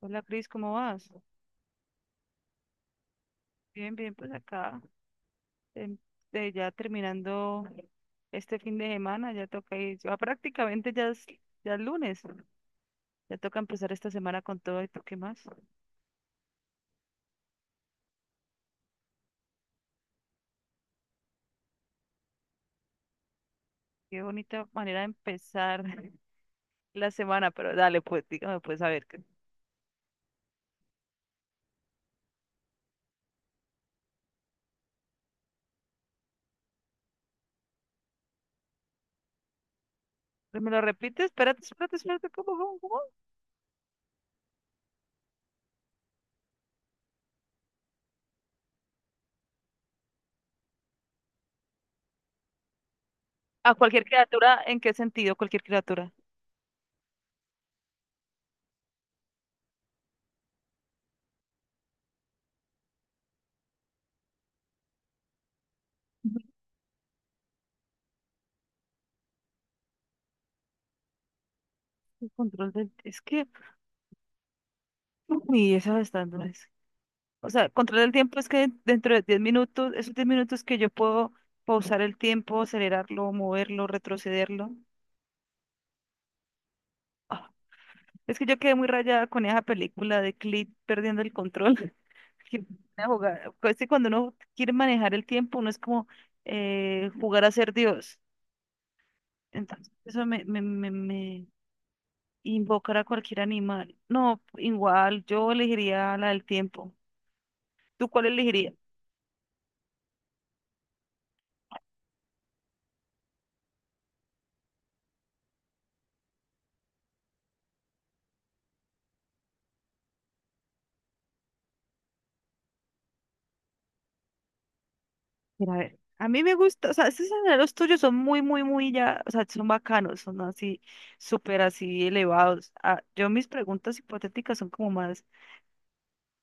Hola Cris, ¿cómo vas? Bien, bien, pues acá em, ya terminando este fin de semana, ya toca ir, ya prácticamente ya es lunes, ya toca empezar esta semana con todo. Y tú, ¿qué más? Qué bonita manera de empezar la semana, pero dale, pues dígame, pues a ver, ¿me lo repites? Espérate, espérate, espérate, ¿cómo, cómo, cómo? A cualquier criatura, ¿en qué sentido? Cualquier criatura. El control del... Es que, uy, esa está dura. O sea, controlar el tiempo es que dentro de 10 minutos, esos 10 minutos que yo puedo pausar el tiempo, acelerarlo, moverlo, retrocederlo. Ah, es que yo quedé muy rayada con esa película de Click perdiendo el control. que pues, es que cuando uno quiere manejar el tiempo, uno es como jugar a ser Dios. Entonces, eso me invocará a cualquier animal. No, igual, yo elegiría la del tiempo. ¿Tú cuál elegirías? Mira, a ver, a mí me gusta, o sea, esos senderos tuyos son muy, muy, muy ya, o sea, son bacanos, son así, súper así elevados. Ah, yo mis preguntas hipotéticas son como más,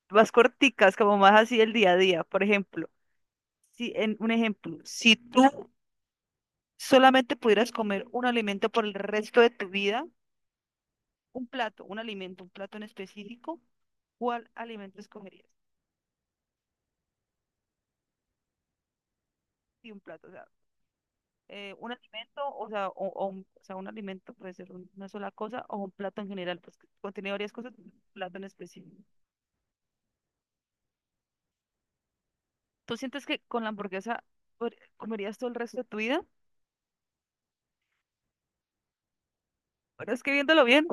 más corticas, como más así el día a día. Por ejemplo, si en un ejemplo, si tú solamente pudieras comer un alimento por el resto de tu vida, un plato, un alimento, un plato en específico, ¿cuál alimento escogerías? Y un plato, o sea, un alimento, o sea, o sea, un alimento puede ser una sola cosa o un plato en general, pues que contiene varias cosas, un plato en específico. ¿Tú sientes que con la hamburguesa comerías todo el resto de tu vida? Pero es que viéndolo bien,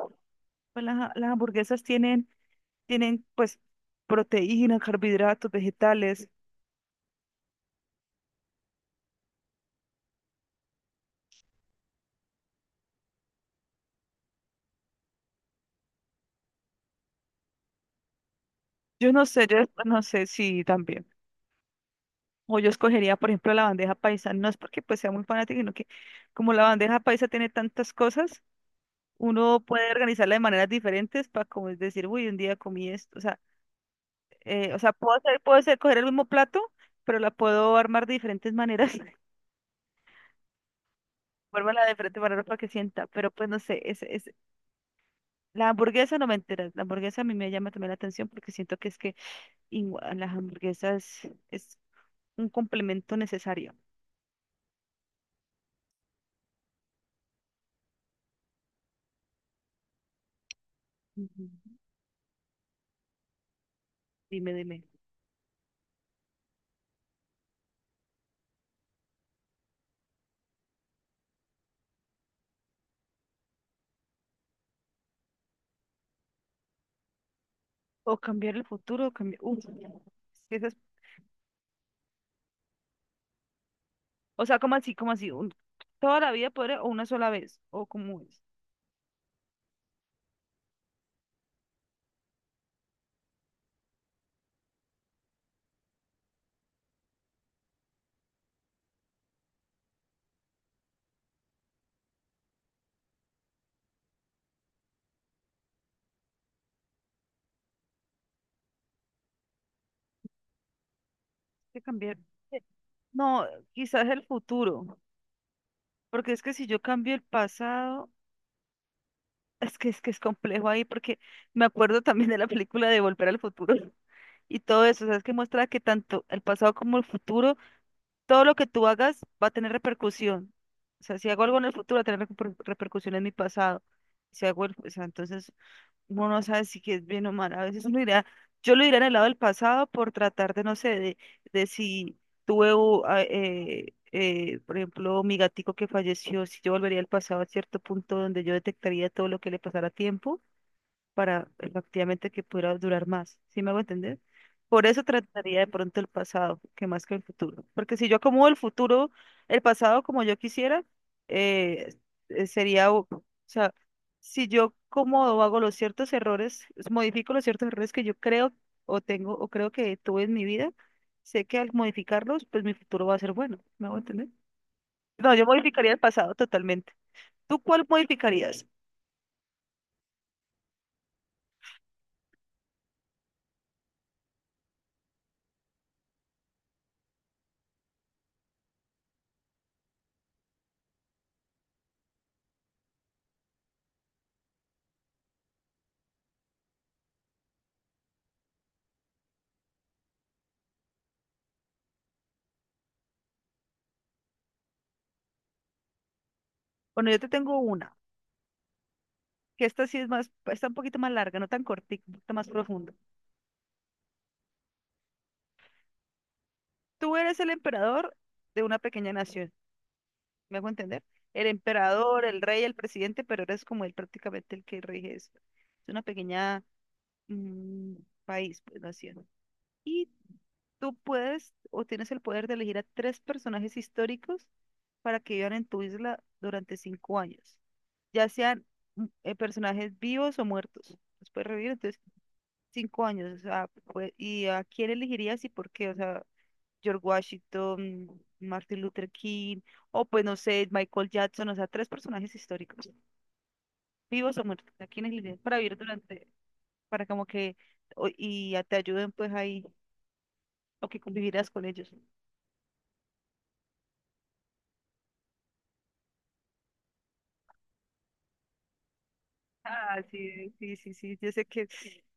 pues las hamburguesas tienen, tienen pues proteínas, carbohidratos, vegetales. Yo no sé si también. O yo escogería, por ejemplo, la bandeja paisa. No es porque pues sea muy fanática, sino que como la bandeja paisa tiene tantas cosas, uno puede organizarla de maneras diferentes para, como es decir, uy, un día comí esto. O sea, coger el mismo plato, pero la puedo armar de diferentes maneras. Armarla de diferentes maneras para que sienta. Pero pues no sé, es, la hamburguesa no me entera. La hamburguesa a mí me llama también la atención porque siento que es que igual, las hamburguesas es un complemento necesario. Ujú. Dime, dime. O cambiar el futuro, o cambiar. Uf, o sea, toda la vida poder, o una sola vez, o como es. Que cambiar. eh, No, quizás el futuro, porque es que si yo cambio el pasado, es que es complejo ahí, porque me acuerdo también de la película de Volver al Futuro y todo eso, sabes que muestra que tanto el pasado como el futuro, todo lo que tú hagas va a tener repercusión. O sea, si hago algo en el futuro, va a tener repercusión en mi pasado. Si hago el, o sea, entonces uno no sabe si que es bien o mal. A veces uno irá, yo lo iré en el lado del pasado por tratar de, no sé, de si por ejemplo, mi gatico que falleció, si yo volvería al pasado a cierto punto donde yo detectaría todo lo que le pasara a tiempo para efectivamente que pudiera durar más, ¿sí me hago entender? Por eso trataría de pronto el pasado, que más que el futuro, porque si yo acomodo el futuro, el pasado como yo quisiera, eh, sería, o sea, si yo acomodo, hago los ciertos errores, modifico los ciertos errores que yo creo o tengo o creo que tuve en mi vida, sé que al modificarlos, pues mi futuro va a ser bueno, ¿me hago entender? No, yo modificaría el pasado totalmente. ¿Tú cuál modificarías? Bueno, yo te tengo una. Que esta sí es más, está un poquito más larga, no tan cortita, un poquito más profunda. Tú eres el emperador de una pequeña nación, ¿me hago entender? El emperador, el rey, el presidente, pero eres como él prácticamente el que rige eso. Es una pequeña mm, país, pues, nación. Y tú puedes, o tienes el poder de elegir a 3 personajes históricos para que vivan en tu isla durante 5 años, ya sean personajes vivos o muertos. Los puedes revivir, entonces 5 años, o sea, pues, ¿y a quién elegirías y por qué? O sea, George Washington, Martin Luther King, o pues no sé, Michael Jackson, o sea, 3 personajes históricos, vivos o muertos, ¿a quién elegirías para vivir durante, para como que, te ayuden pues ahí, o que convivieras con ellos? Ah, sí, sí, sí, sí, yo sé que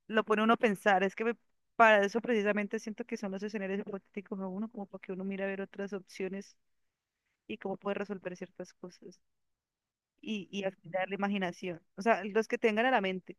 lo pone uno a pensar, para eso precisamente siento que son los escenarios hipotéticos a uno, como para que uno mire a ver otras opciones y cómo puede resolver ciertas cosas. Y afinar la imaginación. O sea, los que tengan a la mente.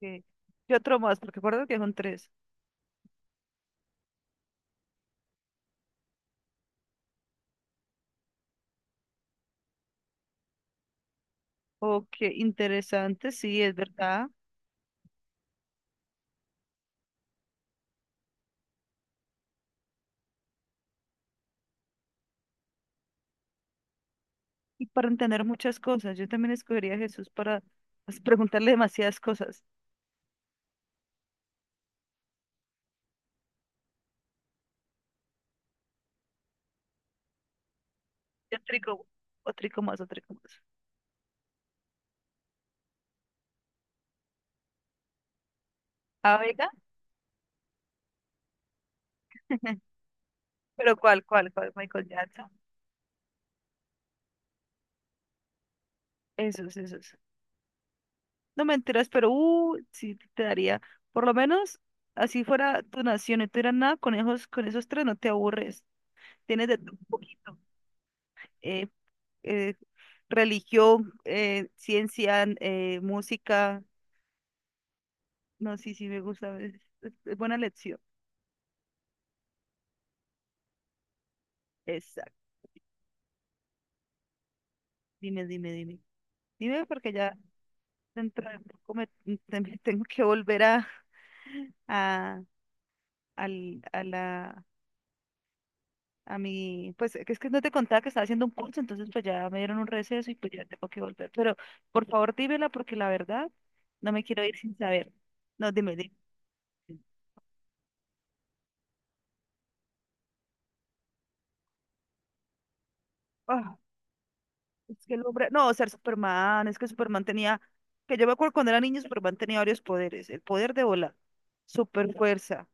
Que ¿Qué otro más? Porque recuerdo que son 3. Oh, qué interesante, sí, es verdad. Y para entender muchas cosas. Yo también escogería a Jesús para, pues, preguntarle demasiadas cosas. Yo trico, o trico más, o trico más. Ah, venga. Pero ¿cuál, cuál, cuál? Michael Jackson. Esos, esos. No, mentiras, pero sí te daría. Por lo menos, así fuera tu nación y tú eras nada, con esos 3 no te aburres. Tienes de todo un poquito. eh, eh, Religión, ciencia, música. No, sí, sí, me gusta. Es buena lección. Exacto. Dime, dime, dime. Dime, porque ya dentro de poco me, también tengo que volver a, a la... A mi, pues es que no te contaba que estaba haciendo un curso, entonces pues ya me dieron un receso y pues ya tengo que volver. Pero por favor dímela porque la verdad no me quiero ir sin saber. No, dime, dime. Es que el hombre, no, o sea, Superman, es que Superman tenía, que yo me acuerdo cuando era niño, Superman tenía varios poderes, el poder de volar, super fuerza,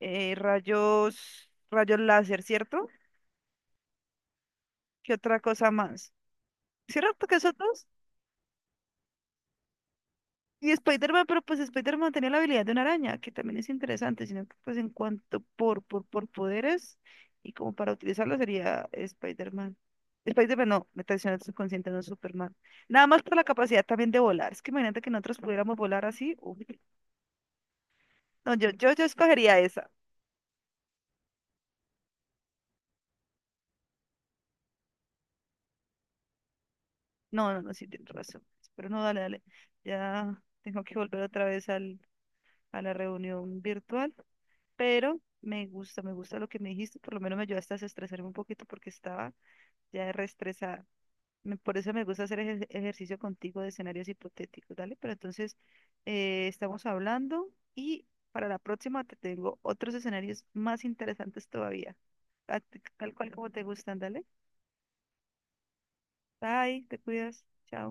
rayos, rayos láser, ¿cierto? ¿Qué otra cosa más? ¿Cierto que esos dos? Y Spider-Man, pero pues Spider-Man tenía la habilidad de una araña, que también es interesante, sino que pues en cuanto por poderes y como para utilizarlo sería Spider-Man. Spider-Man no, me traiciona el subconsciente, no, Superman. Nada más por la capacidad también de volar. Es que imagínate que nosotros pudiéramos volar así. Uy. No, yo escogería esa. No, no, no, sí, tienes razón. Pero no, dale, dale. Ya tengo que volver otra vez al, a la reunión virtual. Pero me gusta lo que me dijiste. Por lo menos me ayudaste a desestresarme un poquito porque estaba ya reestresada. Por eso me gusta hacer ejercicio contigo de escenarios hipotéticos, ¿dale? Pero entonces estamos hablando y para la próxima te tengo otros escenarios más interesantes todavía, a- tal cual como te gustan, ¿dale? Bye, te cuidas, chao.